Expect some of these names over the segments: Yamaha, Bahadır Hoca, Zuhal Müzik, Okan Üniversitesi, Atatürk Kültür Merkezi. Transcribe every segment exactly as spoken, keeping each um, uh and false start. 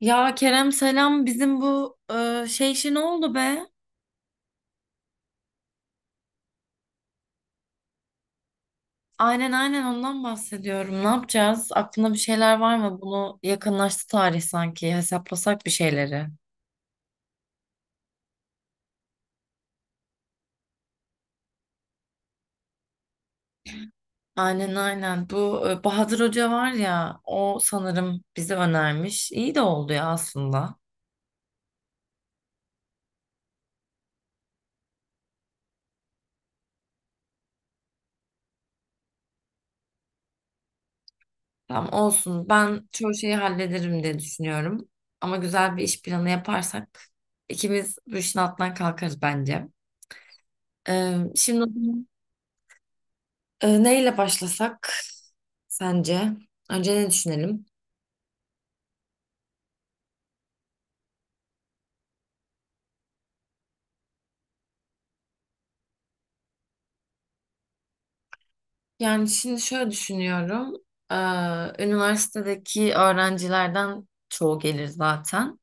Ya Kerem selam, bizim bu e, şey işi ne oldu be? Aynen aynen, ondan bahsediyorum. Ne yapacağız? Aklında bir şeyler var mı? Bunu yakınlaştı tarih sanki. Hesaplasak bir şeyleri. Aynen aynen. Bu e, Bahadır Hoca var ya, o sanırım bize önermiş. İyi de oldu ya aslında. Tamam olsun. Ben çoğu şeyi hallederim diye düşünüyorum. Ama güzel bir iş planı yaparsak ikimiz bu işin altından kalkarız bence. E, şimdi Ee, neyle başlasak sence? Önce ne düşünelim? Yani şimdi şöyle düşünüyorum. Ee, üniversitedeki öğrencilerden çoğu gelir zaten.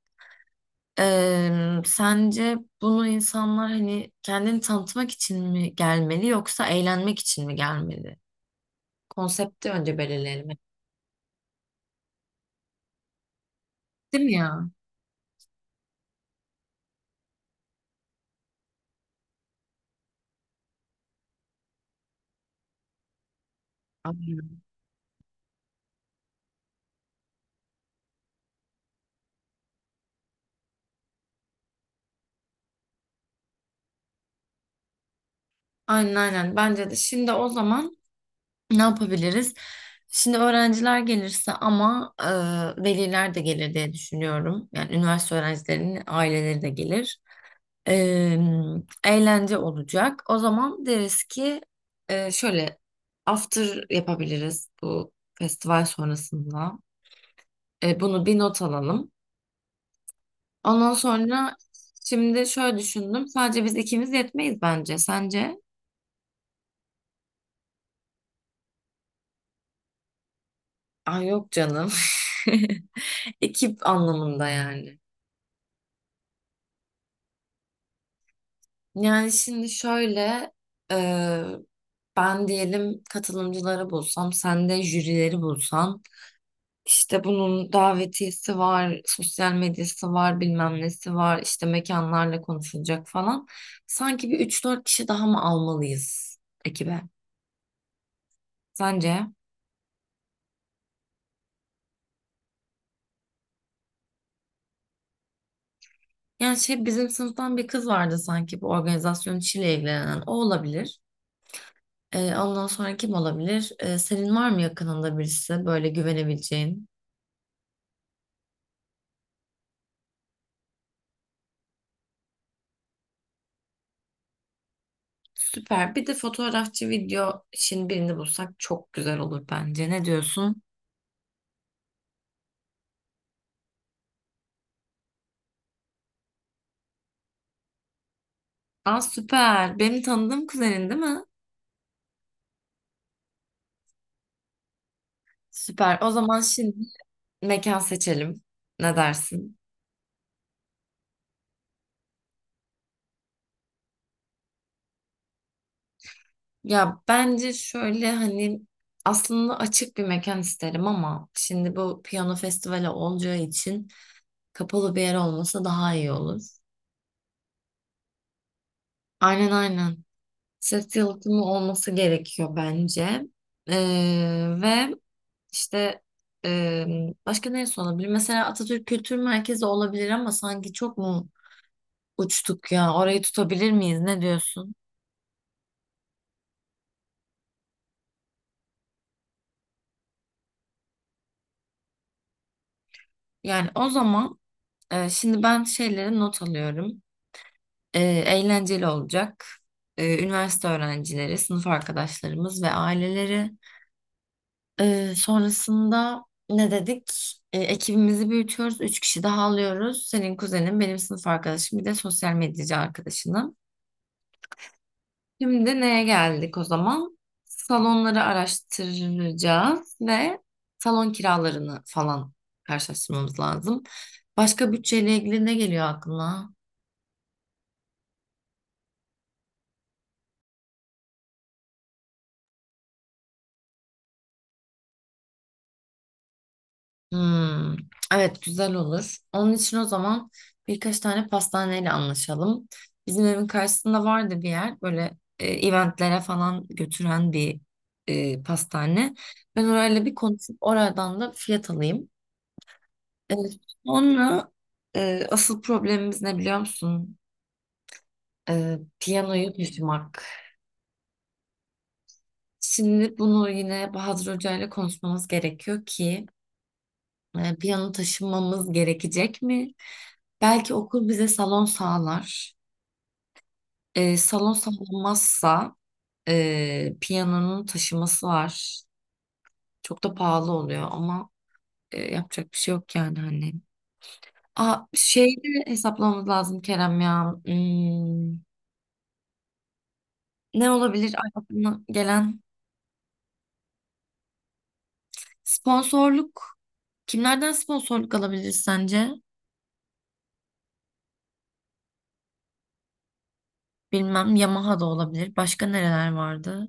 Ee, sence bunu insanlar hani kendini tanıtmak için mi gelmeli yoksa eğlenmek için mi gelmeli? Konsepti önce belirleyelim. Değil mi ya? Aynen aynen. Bence de. Şimdi o zaman ne yapabiliriz? Şimdi öğrenciler gelirse ama e, veliler de gelir diye düşünüyorum. Yani üniversite öğrencilerinin aileleri de gelir. E, Eğlence olacak. O zaman deriz ki e, şöyle after yapabiliriz bu festival sonrasında. E, bunu bir not alalım. Ondan sonra şimdi şöyle düşündüm. Sadece biz ikimiz yetmeyiz bence. Sence? Ay yok canım. Ekip anlamında yani. Yani şimdi şöyle e, ben diyelim katılımcıları bulsam, sen de jürileri bulsan, işte bunun davetiyesi var, sosyal medyası var, bilmem nesi var, işte mekanlarla konuşulacak falan. Sanki bir üç dört kişi daha mı almalıyız ekibe? Sence? Yani şey, bizim sınıftan bir kız vardı sanki bu organizasyon işiyle ilgilenen. O olabilir. E, ondan sonra kim olabilir? E, senin var mı yakınında birisi böyle güvenebileceğin? Süper. Bir de fotoğrafçı video için birini bulsak çok güzel olur bence. Ne diyorsun? Aa süper. Benim tanıdığım kuzenin değil mi? Süper. O zaman şimdi mekan seçelim. Ne dersin? Ya bence şöyle hani aslında açık bir mekan isterim ama şimdi bu piyano festivali olacağı için kapalı bir yer olmasa daha iyi olur. Aynen aynen. Ses yalıtımı olması gerekiyor bence. Ee, ve işte e, Başka neresi olabilir? Mesela Atatürk Kültür Merkezi olabilir ama sanki çok mu uçtuk ya? Orayı tutabilir miyiz? Ne diyorsun? Yani o zaman e, şimdi ben şeyleri not alıyorum. E, Eğlenceli olacak. E, üniversite öğrencileri, sınıf arkadaşlarımız ve aileleri. Ee, sonrasında ne dedik? Ee, ekibimizi büyütüyoruz. Üç kişi daha alıyoruz. Senin kuzenin, benim sınıf arkadaşım, bir de sosyal medyacı arkadaşının. Şimdi neye geldik o zaman? Salonları araştıracağız ve salon kiralarını falan karşılaştırmamız lazım. Başka bütçeyle ilgili ne geliyor aklına? Hmm, evet güzel olur. Onun için o zaman birkaç tane pastaneyle anlaşalım. Bizim evin karşısında vardı bir yer böyle, e, eventlere falan götüren bir e, pastane. Ben orayla bir konuşup oradan da fiyat alayım. E, Sonra e, asıl problemimiz ne biliyor musun? E, piyanoyu taşımak. Şimdi bunu yine Bahadır Hoca ile konuşmamız gerekiyor ki e, piyano taşınmamız gerekecek mi? Belki okul bize salon sağlar. E, salon sağlanmazsa e, piyanonun taşıması var. Çok da pahalı oluyor ama e, yapacak bir şey yok yani hani. Aa, şeyde hesaplamamız lazım Kerem ya. Hmm, ne olabilir? Ay, gelen? Sponsorluk. Kimlerden sponsorluk alabiliriz sence? Bilmem. Yamaha da olabilir. Başka nereler vardı?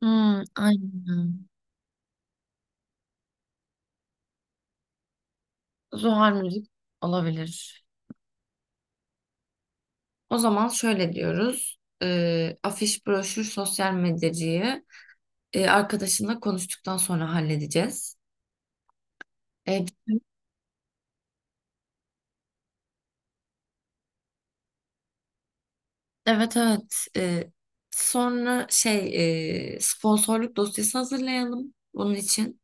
Hmm, aynen. Zuhal müzik olabilir. O zaman şöyle diyoruz. Ee, afiş, broşür, sosyal medyacıyı e, arkadaşınla konuştuktan sonra halledeceğiz. Ee, bizim- evet evet. Ee, sonra şey, e, sponsorluk dosyası hazırlayalım bunun için.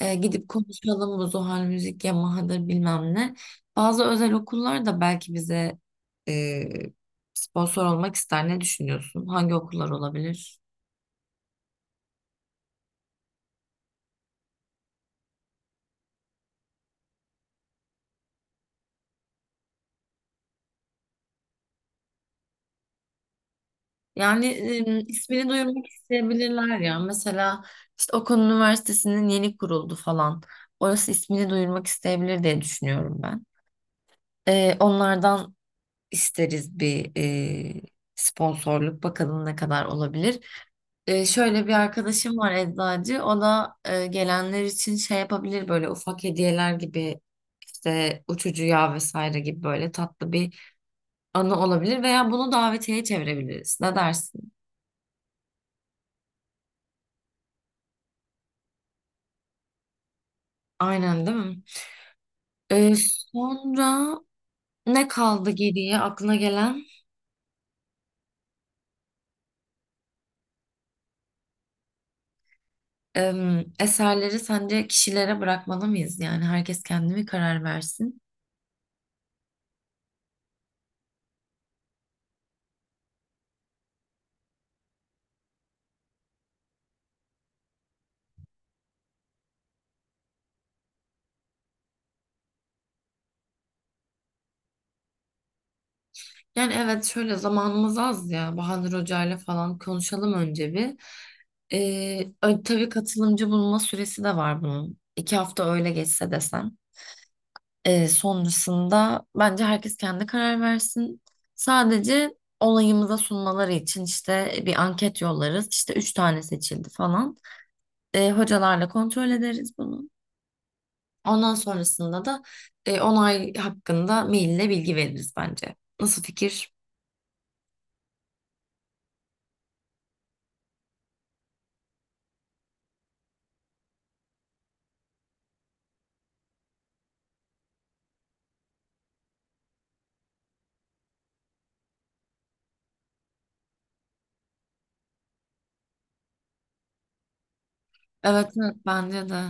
Ee, gidip konuşalım bu Zuhal Müzik, Yamaha'dır bilmem ne. Bazı özel okullar da belki bize e, sponsor olmak ister. Ne düşünüyorsun? Hangi okullar olabilir? Yani e, ismini duyurmak isteyebilirler ya. Mesela işte Okan Üniversitesi'nin yeni kuruldu falan. Orası ismini duyurmak isteyebilir diye düşünüyorum ben. E, onlardan isteriz bir e, sponsorluk. Bakalım ne kadar olabilir. E, şöyle bir arkadaşım var eczacı. O da e, gelenler için şey yapabilir, böyle ufak hediyeler gibi, işte uçucu yağ vesaire gibi, böyle tatlı bir anı olabilir veya bunu davetiye çevirebiliriz. Ne dersin? Aynen değil mi? Ee, sonra ne kaldı geriye aklına gelen? Em, eserleri sence kişilere bırakmalı mıyız? Yani herkes kendi mi karar versin? Yani evet, şöyle zamanımız az ya. Bahadır Hoca'yla falan konuşalım önce bir. Ee, ö- tabii katılımcı bulma süresi de var bunun. İki hafta öyle geçse desem. Ee, sonrasında bence herkes kendi karar versin. Sadece olayımıza sunmaları için işte bir anket yollarız. İşte üç tane seçildi falan. E, hocalarla kontrol ederiz bunu. Ondan sonrasında da e, onay hakkında maille bilgi veririz bence. Nasıl fikir? Evet, evet bence de.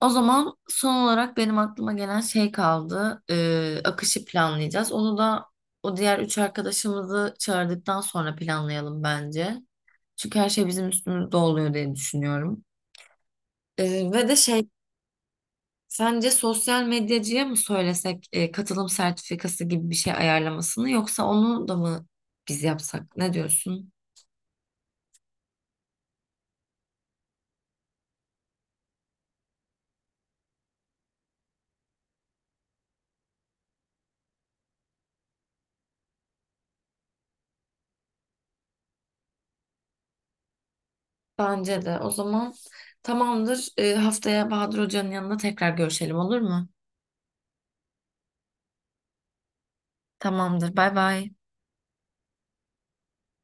O zaman son olarak benim aklıma gelen şey kaldı. E, akışı planlayacağız. Onu da o diğer üç arkadaşımızı çağırdıktan sonra planlayalım bence. Çünkü her şey bizim üstümüzde oluyor diye düşünüyorum. E, ve de şey Sence sosyal medyacıya mı söylesek e, katılım sertifikası gibi bir şey ayarlamasını yoksa onu da mı biz yapsak? Ne diyorsun? Bence de. O zaman tamamdır. E, haftaya Bahadır Hoca'nın yanında tekrar görüşelim olur mu? Tamamdır. Bay bay.